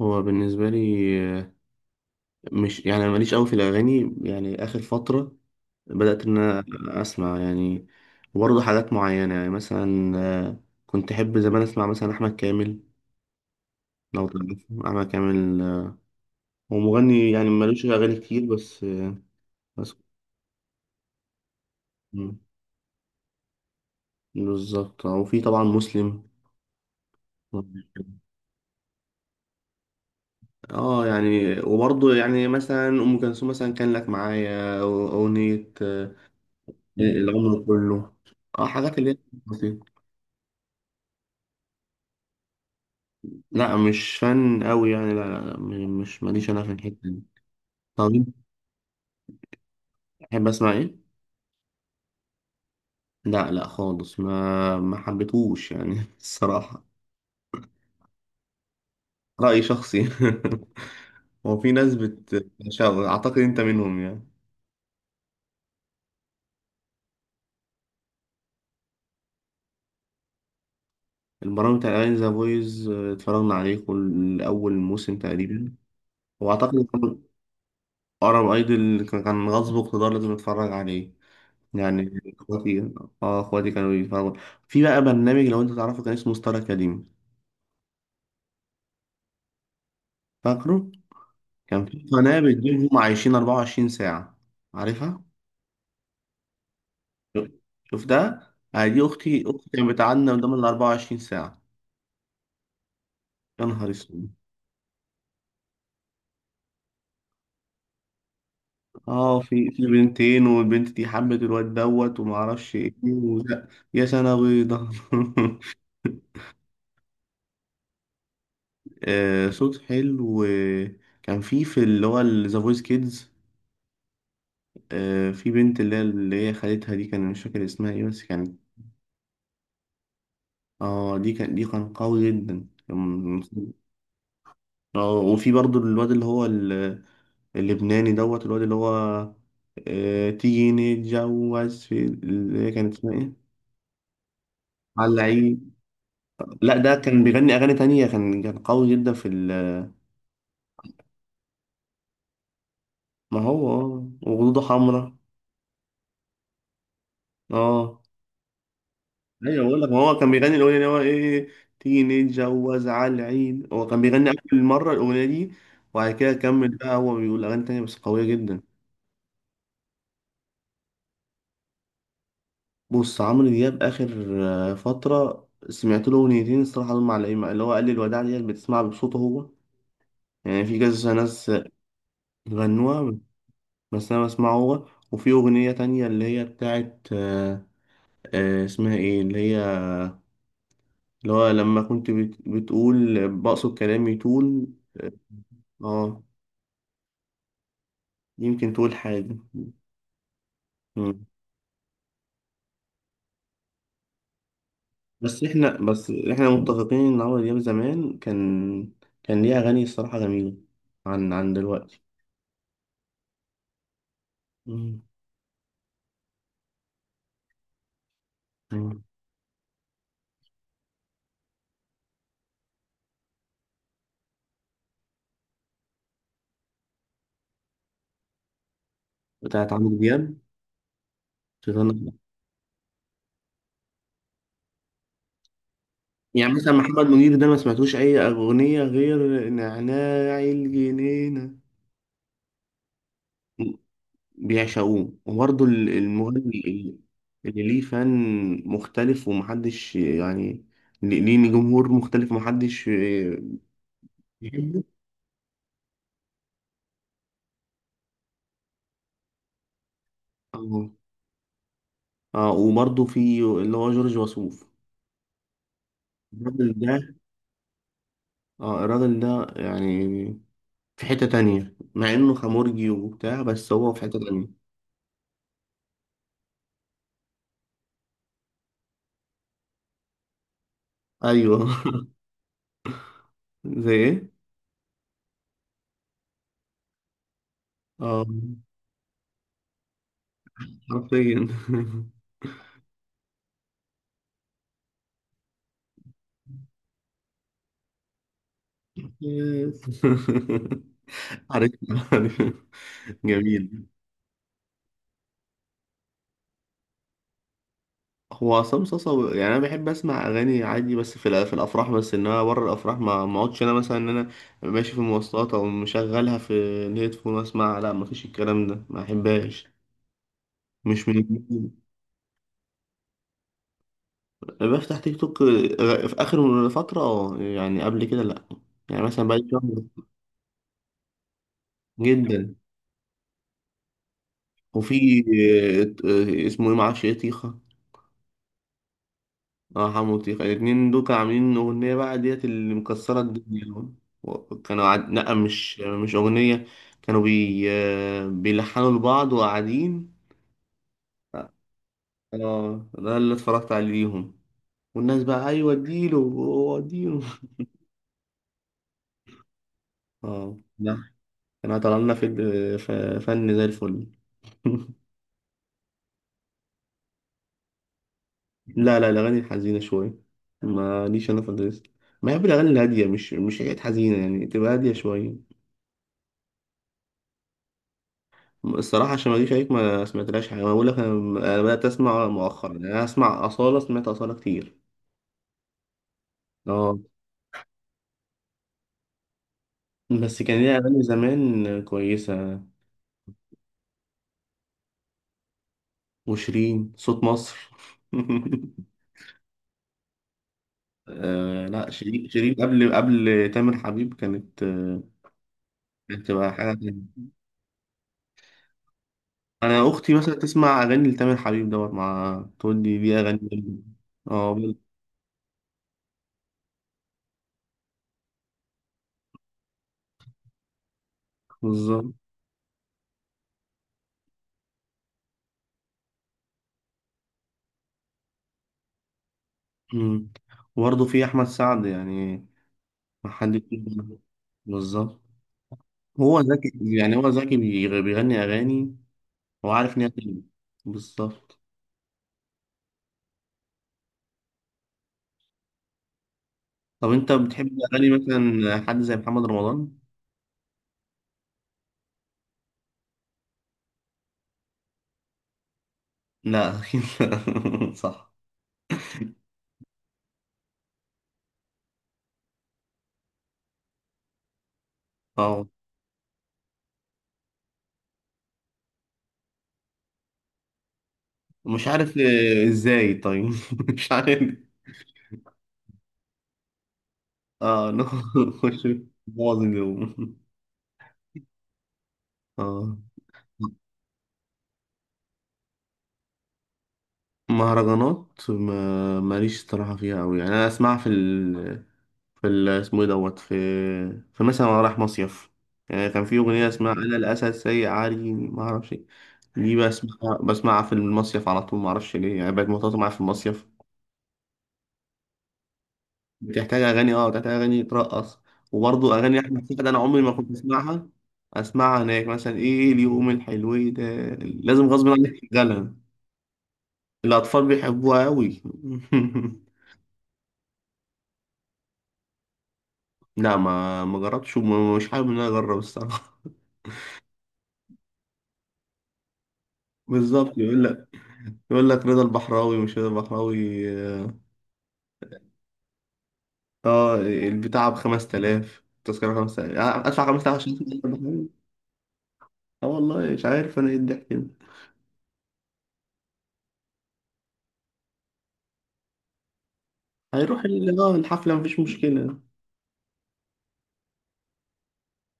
هو بالنسبة لي، آه، مش يعني أنا ماليش أوي في الأغاني. يعني آخر فترة بدأت إن أنا أسمع، يعني برضه حاجات معينة. يعني مثلا كنت أحب زمان أسمع مثلا أحمد كامل. لو تعرف أحمد كامل هو مغني يعني مالوش أغاني كتير، بس مم، بالظبط. وفي طبعا مسلم. اه يعني وبرضه يعني مثلا أم كلثوم مثلا كان لك معايا أغنية العمر كله. اه حاجات اللي هي بسيطة. لا مش فن قوي يعني، لا لا لا، مش، ماليش انا في الحته دي. طب انت بتحب اسمع ايه؟ لا لا خالص، ما حبيتهوش يعني الصراحه. راي شخصي. هو في ناس اعتقد انت منهم يعني. البرامج بتاع الاغاني ذا فويز اتفرجنا عليه كل اول موسم تقريبا، واعتقد كان ارب ايدل كان غصب اقتدار لازم اتفرج عليه، يعني اخواتي. اه اخواتي كانوا بيتفرجوا. في بقى برنامج لو انت تعرفه كان اسمه ستار اكاديمي. فاكره؟ كان في قناة بتجيبهم عايشين 24 ساعة. عارفها؟ شوف، شوف ده، دي أختي. أختي كانت بتعاني قدام ال 24 ساعة. يا نهار اسود. اه في بنتين، والبنت دي حبت الواد دوت وما اعرفش ايه وزق. يا سنة بيضة. آه، صوت حلو. كان في اللي هو ذا فويس كيدز. آه في بنت اللي هي خالتها دي، كان مش فاكر اسمها ايه بس كانت. اه دي كان قوي جدا اه وفي برضو الواد اللبناني دوت. الواد اللي هو تيجي نتجوز، في اللي هي كانت اسمها ايه؟ على العيد. لا ده كان بيغني اغاني تانية، كان قوي جدا في ال... ما هو اه وخدوده حمرا. اه ايوه بقول لك، ما هو كان بيغني الاغنيه اللي هو ايه، تيجي نتجوز على العيد، هو كان بيغني اول مره الاغنيه دي. وبعد كده كمل بقى هو بيقول اغاني تانية بس قويه جدا. بص، عمرو دياب اخر فتره سمعت له اغنيتين الصراحه دول معلقين معايا، اللي هو قال لي الوداع ديت بتسمعها بصوته هو يعني في كذا ناس غنوها، بس أنا بسمعه هو. وفي أغنية تانية اللي هي بتاعت اسمها إيه، اللي هي اللي هو لما كنت بتقول بقصد كلامي طول. اه يمكن تقول حاجة. مم. بس إحنا متفقين إن عمرو دياب زمان كان، كان ليه أغاني الصراحة جميلة عن دلوقتي. مم. مم. بتاعت عمرو دياب، شيطان. يعني مثلا محمد منير ده ما سمعتوش أي أغنية غير نعناع الجنينة. بيعشقوه. وبرضه المغني اللي، اللي ليه فان مختلف، ومحدش يعني، ليه جمهور مختلف ومحدش بيحبه. اه اه. وبرضه في اللي هو جورج وسوف، الراجل ده. اه الراجل ده يعني في حتة تانية، مع انه خمرجي وبتاع، بس هو في حتة تانية. ايوه. زي ايه؟ اه حرفيا. عارف، عارف. جميل. هو عصام صاصا يعني انا بحب اسمع اغاني عادي بس في في الافراح بس، انما بره الافراح ما اقعدش، انا مثلا ان انا ماشي في المواصلات او مشغلها في الهيدفون واسمع، لا ما فيش الكلام ده، ما احبهاش. مش من... أنا بفتح تيك توك في اخر فتره، اه يعني قبل كده لا، يعني مثلا بقالي شهر. جدا. وفي آه، اسمه ايه معرفش ايه، طيخه. اه حمو وطيخة الاتنين دول كانوا عاملين أغنية بقى ديت اللي مكسرة الدنيا. كانوا لأ مش أغنية، كانوا بي... آه، بيلحنوا لبعض وقاعدين. اه ده اللي اتفرجت عليهم، والناس بقى أيوة اديله، هو اديله. اه لا. كانوا طلع لنا في... ف- فن زي الفل. لا لا، الأغاني الحزينة شوية، ماليش أنا في الريس. بحب الأغاني الهادية، مش حاجات حزينة يعني، تبقى هادية شوية. الصراحة عشان ما اجيش عليك، ما سمعتلاش حاجة، انا بقول لك انا، أنا بدأت اسمع مؤخرا. يعني انا اسمع أصالة، سمعت أصالة كتير. اه بس كان ليها اغاني زمان كويسة. وشيرين صوت مصر. آه لا، شيرين قبل تامر حبيب كانت كانت بتبقى حاجة تانية. انا اختي مثلا تسمع اغاني لتامر حبيب دوت مع تقول لي دي اغاني جامدة. اه بالظبط. مم. وبرضه في احمد سعد يعني، ما حد... بالظبط، هو ذكي، يعني هو ذكي بيغني أغاني، هو عارف إن هي تيجي. بالظبط. طب أنت بتحب أغاني مثلا حد زي محمد رمضان؟ لا أكيد لا. صح. أه مش عارف إزاي طيب. مش عارف. أه نخش. بوظ اليوم. أه. مهرجانات ما ماليش صراحة فيها أوي يعني، أنا أسمعها في اسمه ايه دوت، في مثلا وأنا رايح مصيف. يعني كان في أغنية اسمها أنا الأسد سيء عاري ما أعرفش إيه. دي بسمعها في المصيف على طول، ما أعرفش ليه، يعني بقت مرتبطة معايا في المصيف. بتحتاج أغاني، أه بتحتاج أغاني ترقص. وبرضه أغاني أحمد سعد أنا عمري ما كنت بسمعها، أسمعها هناك. مثلا إيه اليوم الحلو ده، لازم غصب عنك تشغلها. الأطفال بيحبوها أوي. لا ما جربتش، ومش حابب إن أنا أجرب الصراحة. بالظبط، يقول لك، رضا البحراوي مش رضا البحراوي. اه البتاع ب 5000، التذكرة 5000، ادفع 5000 عشان أشوف رضا البحراوي. اه والله مش عارف انا ايه الضحك ده. هيروح الحفلة، مفيش مشكلة.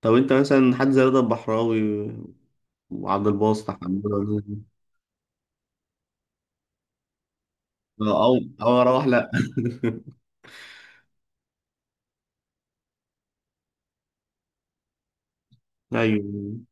طب انت مثلا حد زي رضا البحراوي وعبد الباسط أحمد عزوز. آه، او او اروح، لا. ايوه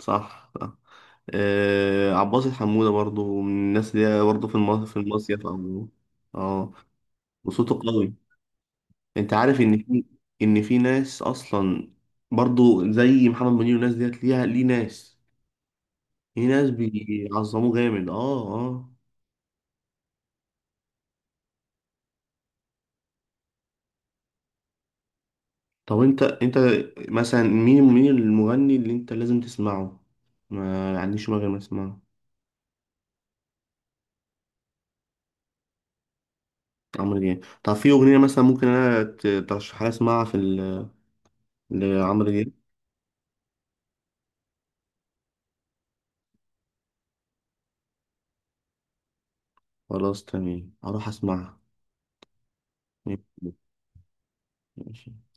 صح صح. آه عباس الحمودة برضو من الناس دي، برضو في المصيف، او... اه وصوته قوي. انت عارف ان في، ناس اصلا برضو زي محمد منير والناس ديت ليها، ليه ناس بيعظموه جامد. اه اه. طب انت مثلا مين المغني اللي انت لازم تسمعه، ما عنديش مانع غير ما اسمعه. عمرو دياب. طب في اغنيه مثلا ممكن انا ترشحها لي اسمعها في لعمرو دياب. خلاص تمام، اروح اسمعها. ماشي.